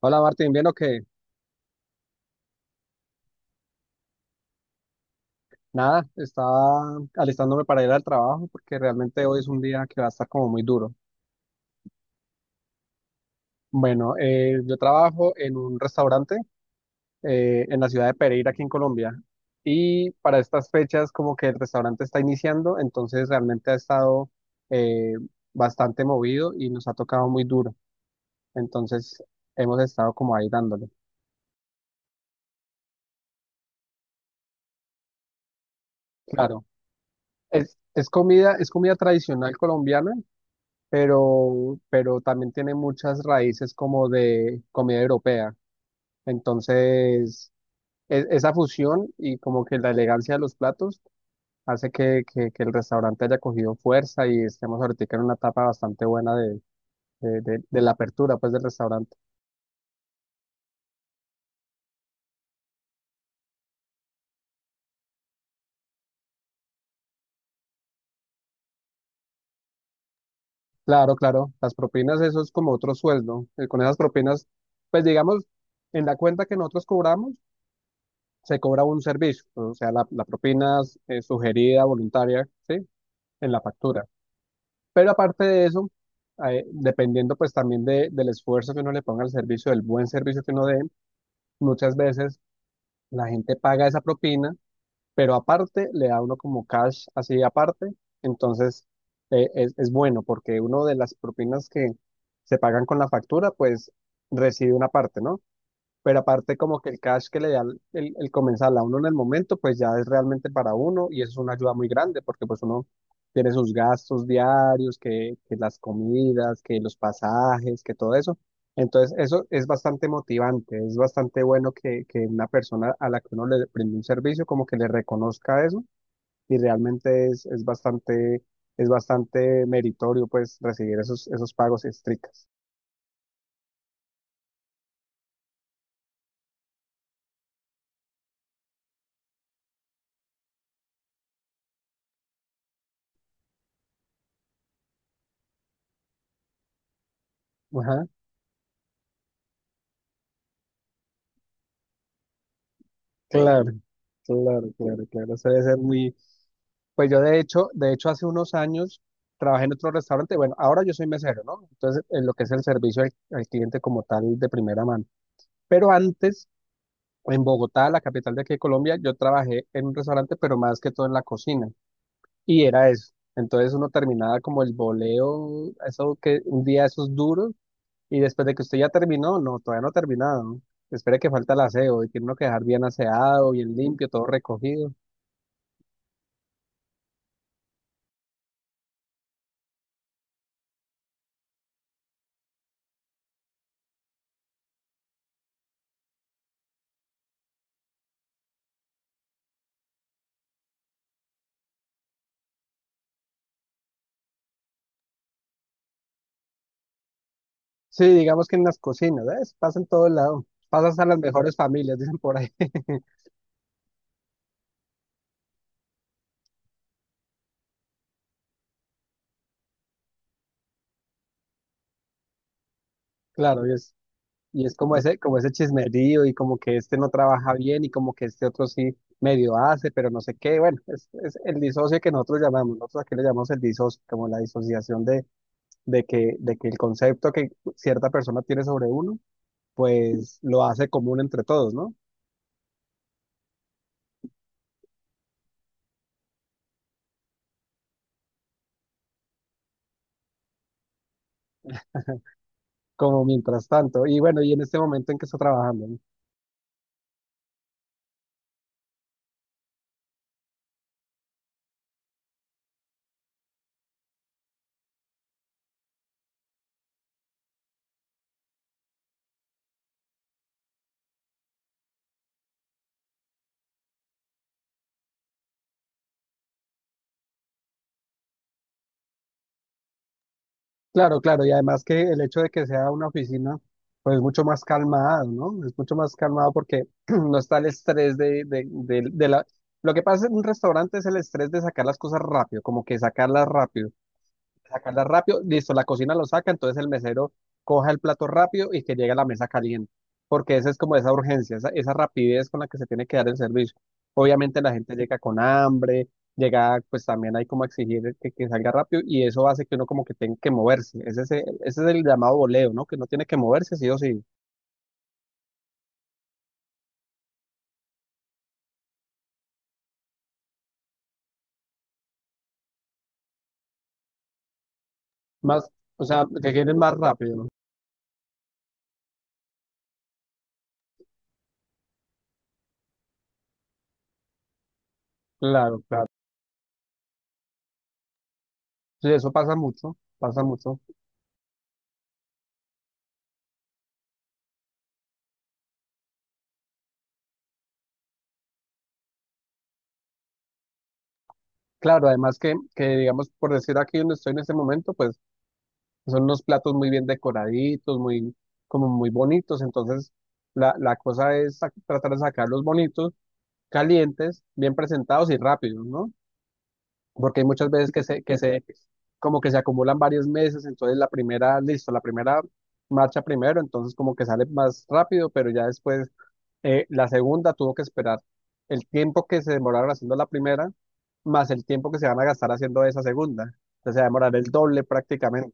Hola Martín, ¿bien o qué? Nada, estaba alistándome para ir al trabajo porque realmente hoy es un día que va a estar como muy duro. Bueno, yo trabajo en un restaurante en la ciudad de Pereira, aquí en Colombia, y para estas fechas como que el restaurante está iniciando, entonces realmente ha estado eh, bastante movido y nos ha tocado muy duro. Entonces hemos estado como ahí dándole. Claro, es comida tradicional colombiana, pero también tiene muchas raíces como de comida europea. Entonces, esa fusión y como que la elegancia de los platos hace que el restaurante haya cogido fuerza y estemos ahorita en una etapa bastante buena de la apertura, pues, del restaurante. Claro, claro, las propinas, eso es como otro sueldo. Con esas propinas, pues, digamos, en la cuenta que nosotros cobramos, se cobra un servicio, o sea, la propina sugerida, voluntaria, ¿sí? En la factura. Pero aparte de eso, dependiendo pues también del esfuerzo que uno le ponga al servicio, del buen servicio que uno dé, muchas veces la gente paga esa propina, pero aparte le da uno como cash así aparte. Entonces es bueno porque uno de las propinas que se pagan con la factura, pues recibe una parte, ¿no? Pero aparte como que el cash que le da el comensal a uno en el momento, pues ya es realmente para uno y eso es una ayuda muy grande porque pues uno tiene sus gastos diarios, que las comidas, que los pasajes, que todo eso. Entonces eso es bastante motivante, es bastante bueno que una persona a la que uno le prende un servicio como que le reconozca eso y realmente es bastante meritorio pues recibir esos, esos pagos estrictos. Ajá, claro. Claro, claro, claro. Eso debe ser muy... Pues yo de hecho hace unos años trabajé en otro restaurante. Bueno, ahora yo soy mesero, ¿no? Entonces, en lo que es el servicio al cliente como tal de primera mano. Pero antes, en Bogotá, la capital de aquí de Colombia, yo trabajé en un restaurante, pero más que todo en la cocina. Y era eso. Entonces uno terminaba como el boleo, eso que un día esos duros, y después de que usted ya terminó, no, todavía no ha terminado, ¿no? Espere que falta el aseo, y tiene uno que dejar bien aseado, bien limpio, todo recogido. Sí, digamos que en las cocinas, ¿ves? Pasa en todo lado. Pasas a las mejores familias, dicen por ahí. Claro, y es, y es como ese chismerío y como que este no trabaja bien y como que este otro sí medio hace, pero no sé qué. Bueno, es el disocio que nosotros llamamos, nosotros aquí le llamamos el disocio, como la disociación de, de que el concepto que cierta persona tiene sobre uno, pues lo hace común entre todos, ¿no? Como mientras tanto. Y bueno, ¿y en este momento en que está trabajando? Claro, claro, y además que el hecho de que sea una oficina, pues es mucho más calmado, ¿no? Es mucho más calmado porque no está el estrés de la... Lo que pasa en un restaurante es el estrés de sacar las cosas rápido, como que sacarlas rápido, sacarla rápido, listo, la cocina lo saca, entonces el mesero coja el plato rápido y que llegue a la mesa caliente, porque esa es como esa urgencia, esa rapidez con la que se tiene que dar el servicio. Obviamente la gente llega con hambre, llega, pues también hay como exigir que salga rápido y eso hace que uno como que tenga que moverse. Ese es, ese es el llamado voleo, ¿no? Que no tiene que moverse sí o sí. Más, o sea, que quieren más rápido, ¿no? Claro, claro. Sí, eso pasa mucho, pasa mucho. Claro, además que digamos, por decir aquí donde estoy en este momento, pues son unos platos muy bien decoraditos, muy, como muy bonitos. Entonces, la cosa es tratar de sacarlos bonitos, calientes, bien presentados y rápidos, ¿no? Porque hay muchas veces que se, como que se acumulan varios meses, entonces la primera, listo, la primera marcha primero, entonces como que sale más rápido, pero ya después la segunda tuvo que esperar el tiempo que se demoraron haciendo la primera, más el tiempo que se van a gastar haciendo esa segunda. Entonces se va a demorar el doble prácticamente.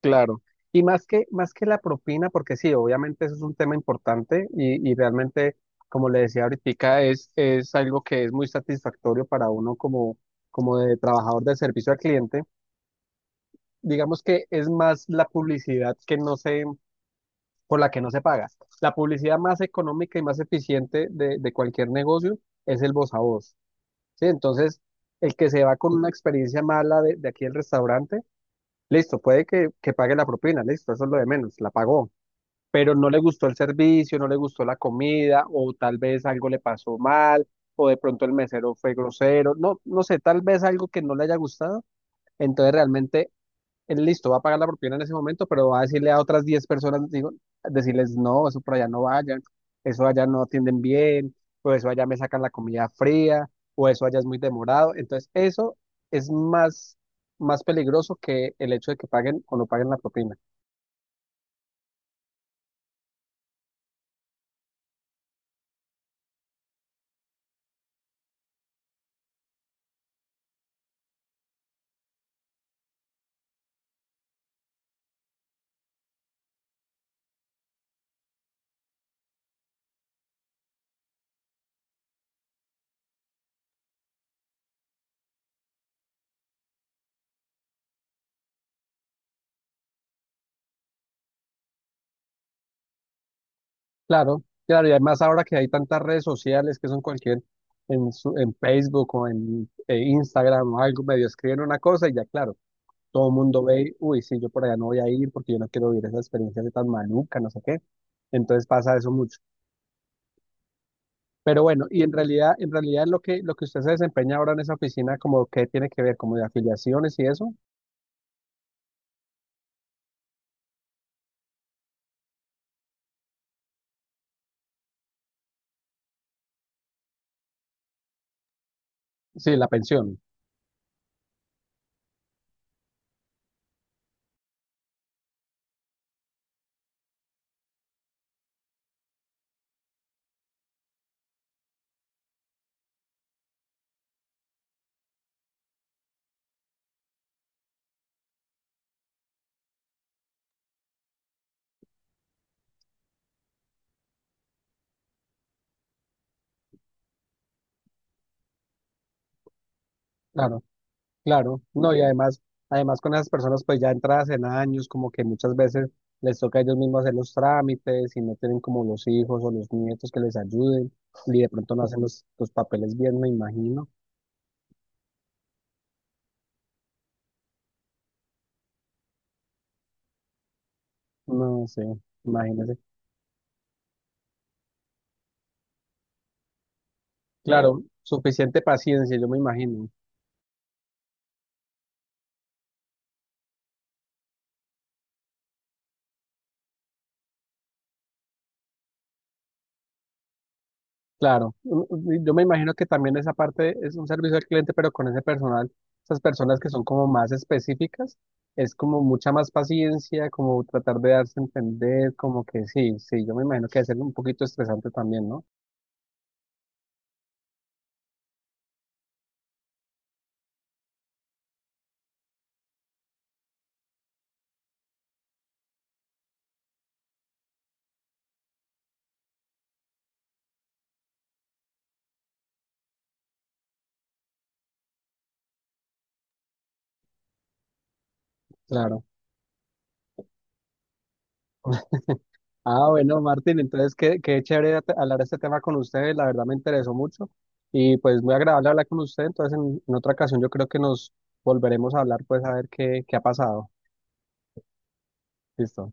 Claro. Y más que la propina, porque sí, obviamente eso es un tema importante y realmente, como le decía ahorita, es algo que es muy satisfactorio para uno como, como de trabajador de servicio al cliente. Digamos que es más la publicidad que no se, por la que no se paga. La publicidad más económica y más eficiente de cualquier negocio es el voz a voz. ¿Sí? Entonces, el que se va con una experiencia mala de aquí el restaurante, listo, puede que pague la propina, listo, eso es lo de menos, la pagó, pero no le gustó el servicio, no le gustó la comida, o tal vez algo le pasó mal, o de pronto el mesero fue grosero, no, no sé, tal vez algo que no le haya gustado, entonces realmente él listo, va a pagar la propina en ese momento, pero va a decirle a otras 10 personas, digo, decirles, no, eso por allá no vayan, eso allá no atienden bien, o eso allá me sacan la comida fría, o eso allá es muy demorado, entonces eso es más, más peligroso que el hecho de que paguen o no paguen la propina. Claro, claro, y además ahora que hay tantas redes sociales que son cualquier, en, en Facebook o en Instagram o algo, medio escriben una cosa y ya claro, todo el mundo ve, y uy, sí, yo por allá no voy a ir porque yo no quiero vivir esa experiencia de tan maluca, no sé qué. Entonces pasa eso mucho. Pero bueno, y en realidad lo que usted se desempeña ahora en esa oficina, como que tiene que ver, como de afiliaciones y eso, sí, la pensión, claro. Claro, no, y además, además con esas personas pues ya entradas en años, como que muchas veces les toca a ellos mismos hacer los trámites y no tienen como los hijos o los nietos que les ayuden y de pronto no hacen los papeles bien, me imagino. No sé, imagínese. Claro, suficiente paciencia, yo me imagino. Claro, yo me imagino que también esa parte es un servicio al cliente, pero con ese personal, esas personas que son como más específicas, es como mucha más paciencia, como tratar de darse a entender, como que sí, sí, yo me imagino que debe ser un poquito estresante también, ¿no? Claro. Ah, bueno, Martín, entonces qué, qué chévere hablar de este tema con ustedes, la verdad me interesó mucho y pues muy agradable hablar con usted, entonces en otra ocasión yo creo que nos volveremos a hablar, pues a ver qué, qué ha pasado. Listo.